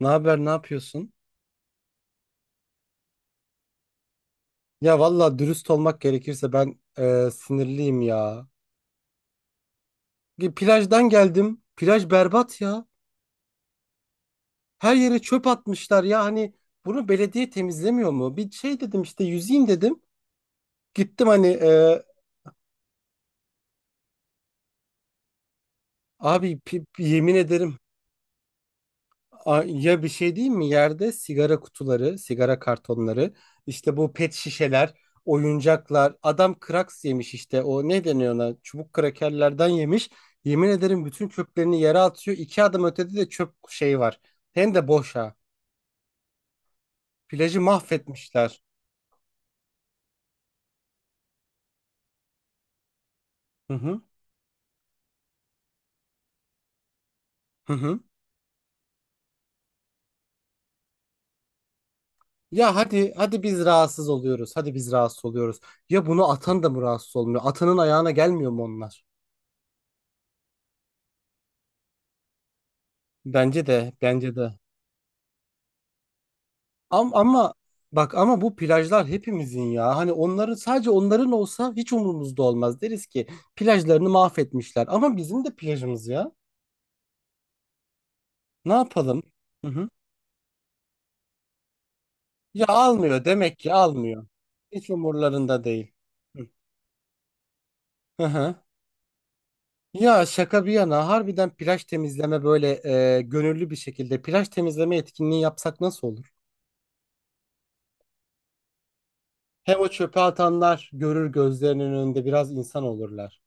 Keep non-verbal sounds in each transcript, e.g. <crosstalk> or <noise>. Ne haber, ne yapıyorsun? Ya valla dürüst olmak gerekirse ben sinirliyim ya. Plajdan geldim. Plaj berbat ya. Her yere çöp atmışlar ya. Hani bunu belediye temizlemiyor mu? Bir şey dedim işte yüzeyim dedim. Gittim hani abi yemin ederim. Ya bir şey değil mi? Yerde sigara kutuları, sigara kartonları, işte bu pet şişeler, oyuncaklar. Adam kraks yemiş işte. O ne deniyor ona? Çubuk krakerlerden yemiş. Yemin ederim bütün çöplerini yere atıyor. İki adım ötede de çöp şey var. Hem de boş ha. Plajı mahvetmişler. Hı hı. Hı hı. Ya hadi hadi biz rahatsız oluyoruz. Hadi biz rahatsız oluyoruz. Ya bunu atan da mı rahatsız olmuyor? Atanın ayağına gelmiyor mu onlar? Bence de, bence de. Ama, bak ama bu plajlar hepimizin ya. Hani onların sadece onların olsa hiç umurumuzda olmaz. Deriz ki plajlarını mahvetmişler. Ama bizim de plajımız ya. Ne yapalım? Hı hı. Ya almıyor demek ki almıyor. Hiç umurlarında değil. Hı hı. Hı. Ya şaka bir yana harbiden plaj temizleme böyle gönüllü bir şekilde plaj temizleme etkinliği yapsak nasıl olur? Hem o çöpe atanlar görür gözlerinin önünde biraz insan olurlar.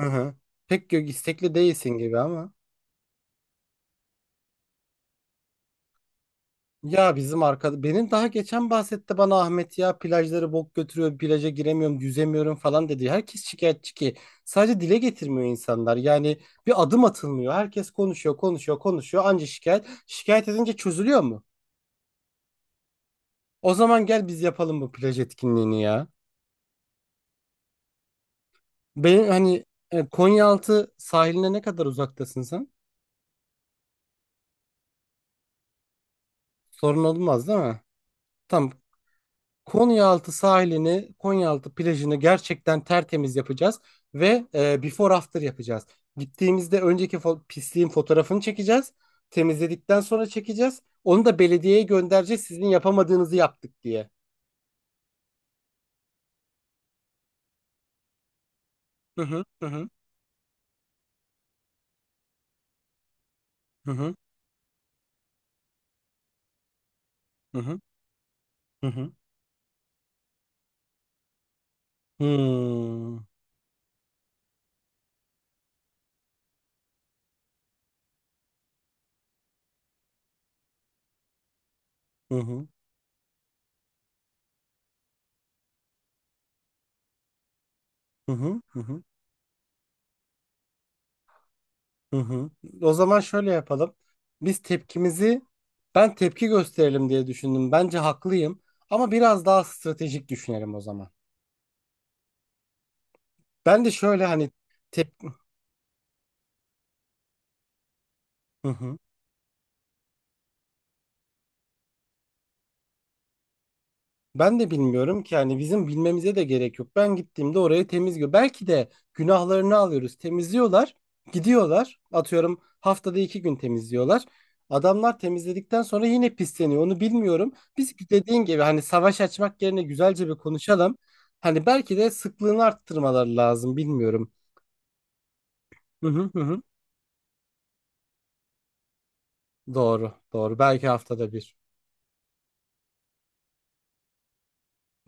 Hı hı. Pek istekli değilsin gibi ama. Ya bizim arkada benim daha geçen bahsetti bana Ahmet ya plajları bok götürüyor plaja giremiyorum yüzemiyorum falan dedi. Herkes şikayetçi ki sadece dile getirmiyor insanlar yani bir adım atılmıyor. Herkes konuşuyor konuşuyor konuşuyor anca şikayet şikayet edince çözülüyor mu? O zaman gel biz yapalım bu plaj etkinliğini ya. Benim hani Konyaaltı sahiline ne kadar uzaktasın sen? Sorun olmaz değil mi? Tamam. Konyaaltı sahilini, Konyaaltı plajını gerçekten tertemiz yapacağız ve before after yapacağız. Gittiğimizde önceki pisliğin fotoğrafını çekeceğiz. Temizledikten sonra çekeceğiz. Onu da belediyeye göndereceğiz sizin yapamadığınızı yaptık diye. Hı hı. Hı hı. Hı hı. Hı hı. Hı hı. Hmm, hı hı. Hı hı. Hı hı, hı hı. O zaman şöyle yapalım. Biz tepkimizi Ben tepki gösterelim diye düşündüm. Bence haklıyım ama biraz daha stratejik düşünelim o zaman. Ben de şöyle hani tep Hı hı. Ben de bilmiyorum ki yani bizim bilmemize de gerek yok. Ben gittiğimde orayı temiz, belki de günahlarını alıyoruz. Temizliyorlar, gidiyorlar. Atıyorum haftada iki gün temizliyorlar. Adamlar temizledikten sonra yine pisleniyor. Onu bilmiyorum. Biz dediğin gibi hani savaş açmak yerine güzelce bir konuşalım. Hani belki de sıklığını arttırmaları lazım. Bilmiyorum. Hı hı hı. Hı. Doğru, doğru. Belki haftada bir.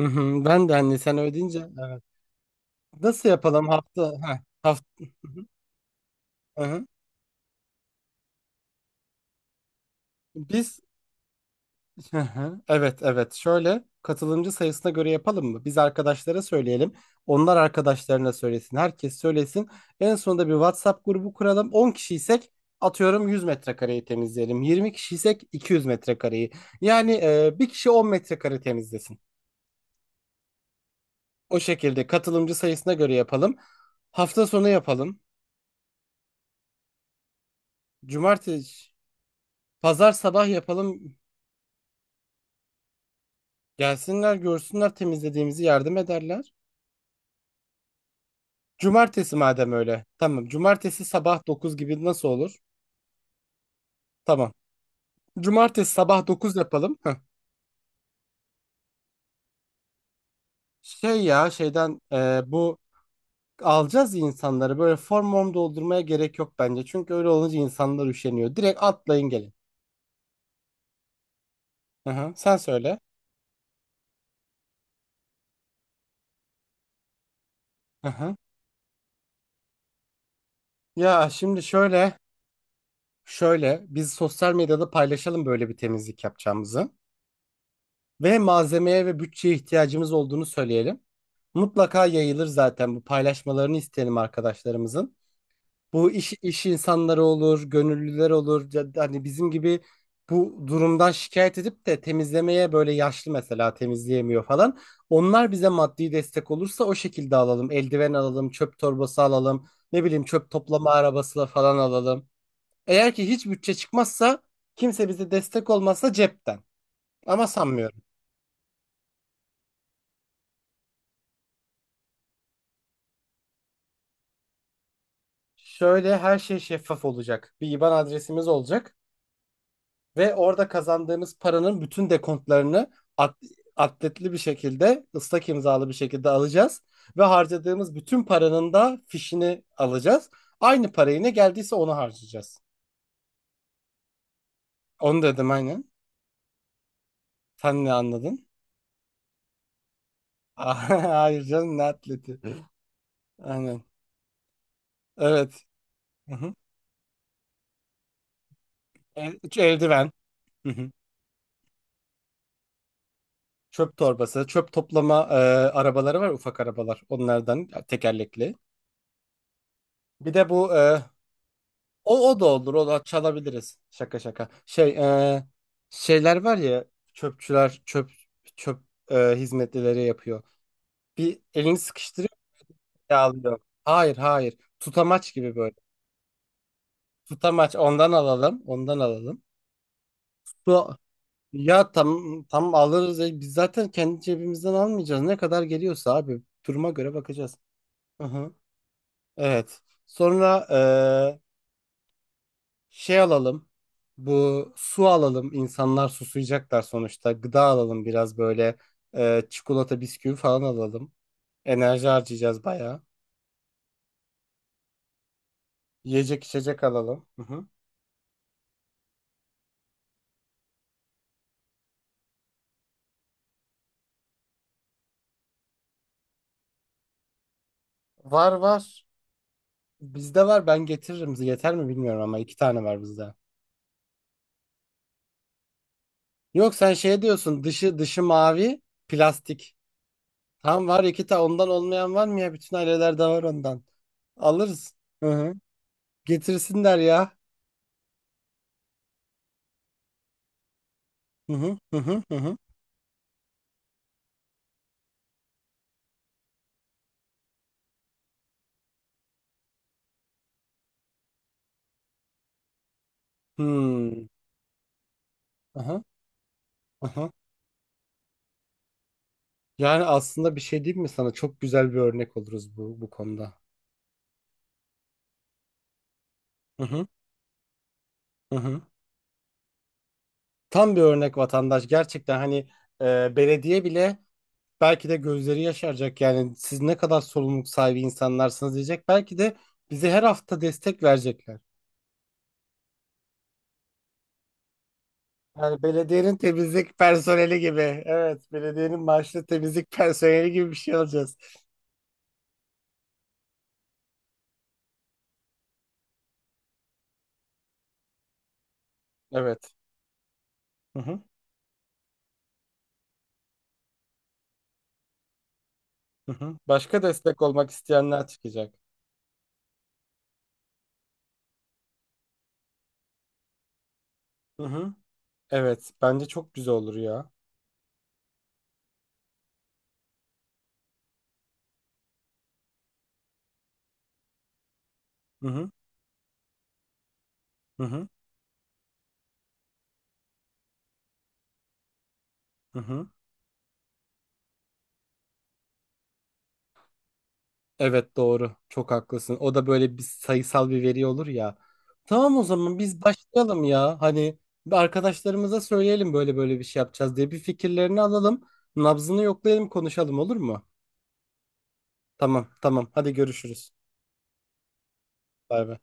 Hı hı. Ben de hani sen öyle deyince. Nasıl yapalım hafta heh, hafta. Hı hı. Biz, hı hı, evet evet şöyle katılımcı sayısına göre yapalım mı? Biz arkadaşlara söyleyelim. Onlar arkadaşlarına söylesin. Herkes söylesin. En sonunda bir WhatsApp grubu kuralım. 10 kişiysek atıyorum 100 metrekareyi temizleyelim. 20 kişiysek 200 metrekareyi. Yani bir kişi 10 metrekare temizlesin. O şekilde katılımcı sayısına göre yapalım. Hafta sonu yapalım. Cumartesi, pazar sabah yapalım. Gelsinler görsünler temizlediğimizi yardım ederler. Cumartesi madem öyle. Tamam. Cumartesi sabah 9 gibi nasıl olur? Tamam. Cumartesi sabah 9 yapalım. Heh. Şey ya şeyden bu alacağız ya insanları böyle form form doldurmaya gerek yok bence. Çünkü öyle olunca insanlar üşeniyor. Direkt atlayın gelin. Hı hı. Sen söyle. Hı hı. Ya şimdi şöyle biz sosyal medyada paylaşalım böyle bir temizlik yapacağımızı. Ve malzemeye ve bütçeye ihtiyacımız olduğunu söyleyelim. Mutlaka yayılır zaten, bu paylaşmalarını isteyelim arkadaşlarımızın. Bu iş insanları olur, gönüllüler olur. Ya da hani bizim gibi bu durumdan şikayet edip de temizlemeye böyle yaşlı mesela temizleyemiyor falan. Onlar bize maddi destek olursa o şekilde alalım. Eldiven alalım, çöp torbası alalım, ne bileyim çöp toplama arabası falan alalım. Eğer ki hiç bütçe çıkmazsa kimse bize destek olmazsa cepten. Ama sanmıyorum. Şöyle her şey şeffaf olacak. Bir IBAN adresimiz olacak ve orada kazandığımız paranın bütün dekontlarını at- atletli bir şekilde, ıslak imzalı bir şekilde alacağız ve harcadığımız bütün paranın da fişini alacağız. Aynı parayı ne geldiyse onu harcayacağız. Onu dedim aynen. Sen ne anladın? <laughs> Hayır canım, ne atleti. Aynen. Evet. Hı hı. Eldiven. Hı hı. Çöp torbası, çöp toplama arabaları var, ufak arabalar. Onlardan, tekerlekli. Bir de bu o da olur. O da çalabiliriz. Şaka şaka. Şey e, şeyler var ya, çöpçüler çöp çöp hizmetlileri yapıyor. Bir elini sıkıştırıyor bir alıyor. Hayır hayır. Tutamaç gibi böyle. Tutamaç, ondan alalım. Ondan alalım. Bu ya, tam alırız. E, biz zaten kendi cebimizden almayacağız. Ne kadar geliyorsa abi duruma göre bakacağız. Hı hı. Evet. Sonra şey alalım. Bu su alalım. İnsanlar susayacaklar sonuçta. Gıda alalım biraz böyle. Çikolata, bisküvi falan alalım. Enerji harcayacağız bayağı. Yiyecek içecek alalım. Hı hı. Var var. Bizde var. Ben getiririm. Yeter mi bilmiyorum ama iki tane var bizde. Yok sen şey diyorsun. Dışı mavi, plastik. Tam var iki tane. Ondan olmayan var mı ya? Bütün ailelerde var ondan. Alırız. Hı hı. Getirsinler ya. Hı hı hı hı hı. Hı. Hmm. Aha. Aha. Yani aslında bir şey diyeyim mi sana? Çok güzel bir örnek oluruz bu konuda. Hı hı, hı hı. Tam bir örnek vatandaş. Gerçekten hani belediye bile belki de gözleri yaşaracak. Yani siz ne kadar sorumluluk sahibi insanlarsınız diyecek. Belki de bize her hafta destek verecekler. Yani belediyenin temizlik personeli gibi. Evet, belediyenin maaşlı temizlik <laughs> personeli gibi bir şey alacağız. Evet. Hı hı, hı hı. Başka destek olmak isteyenler çıkacak. Hı hı. Evet, bence çok güzel olur ya. Hı hı. Hı hı. Hı hı. Evet doğru. Çok haklısın. O da böyle bir sayısal bir veri olur ya. Tamam o zaman biz başlayalım ya. Hani bir arkadaşlarımıza söyleyelim böyle böyle bir şey yapacağız diye bir fikirlerini alalım. Nabzını yoklayalım konuşalım olur mu? Tamam tamam. Hadi görüşürüz. Bay bay.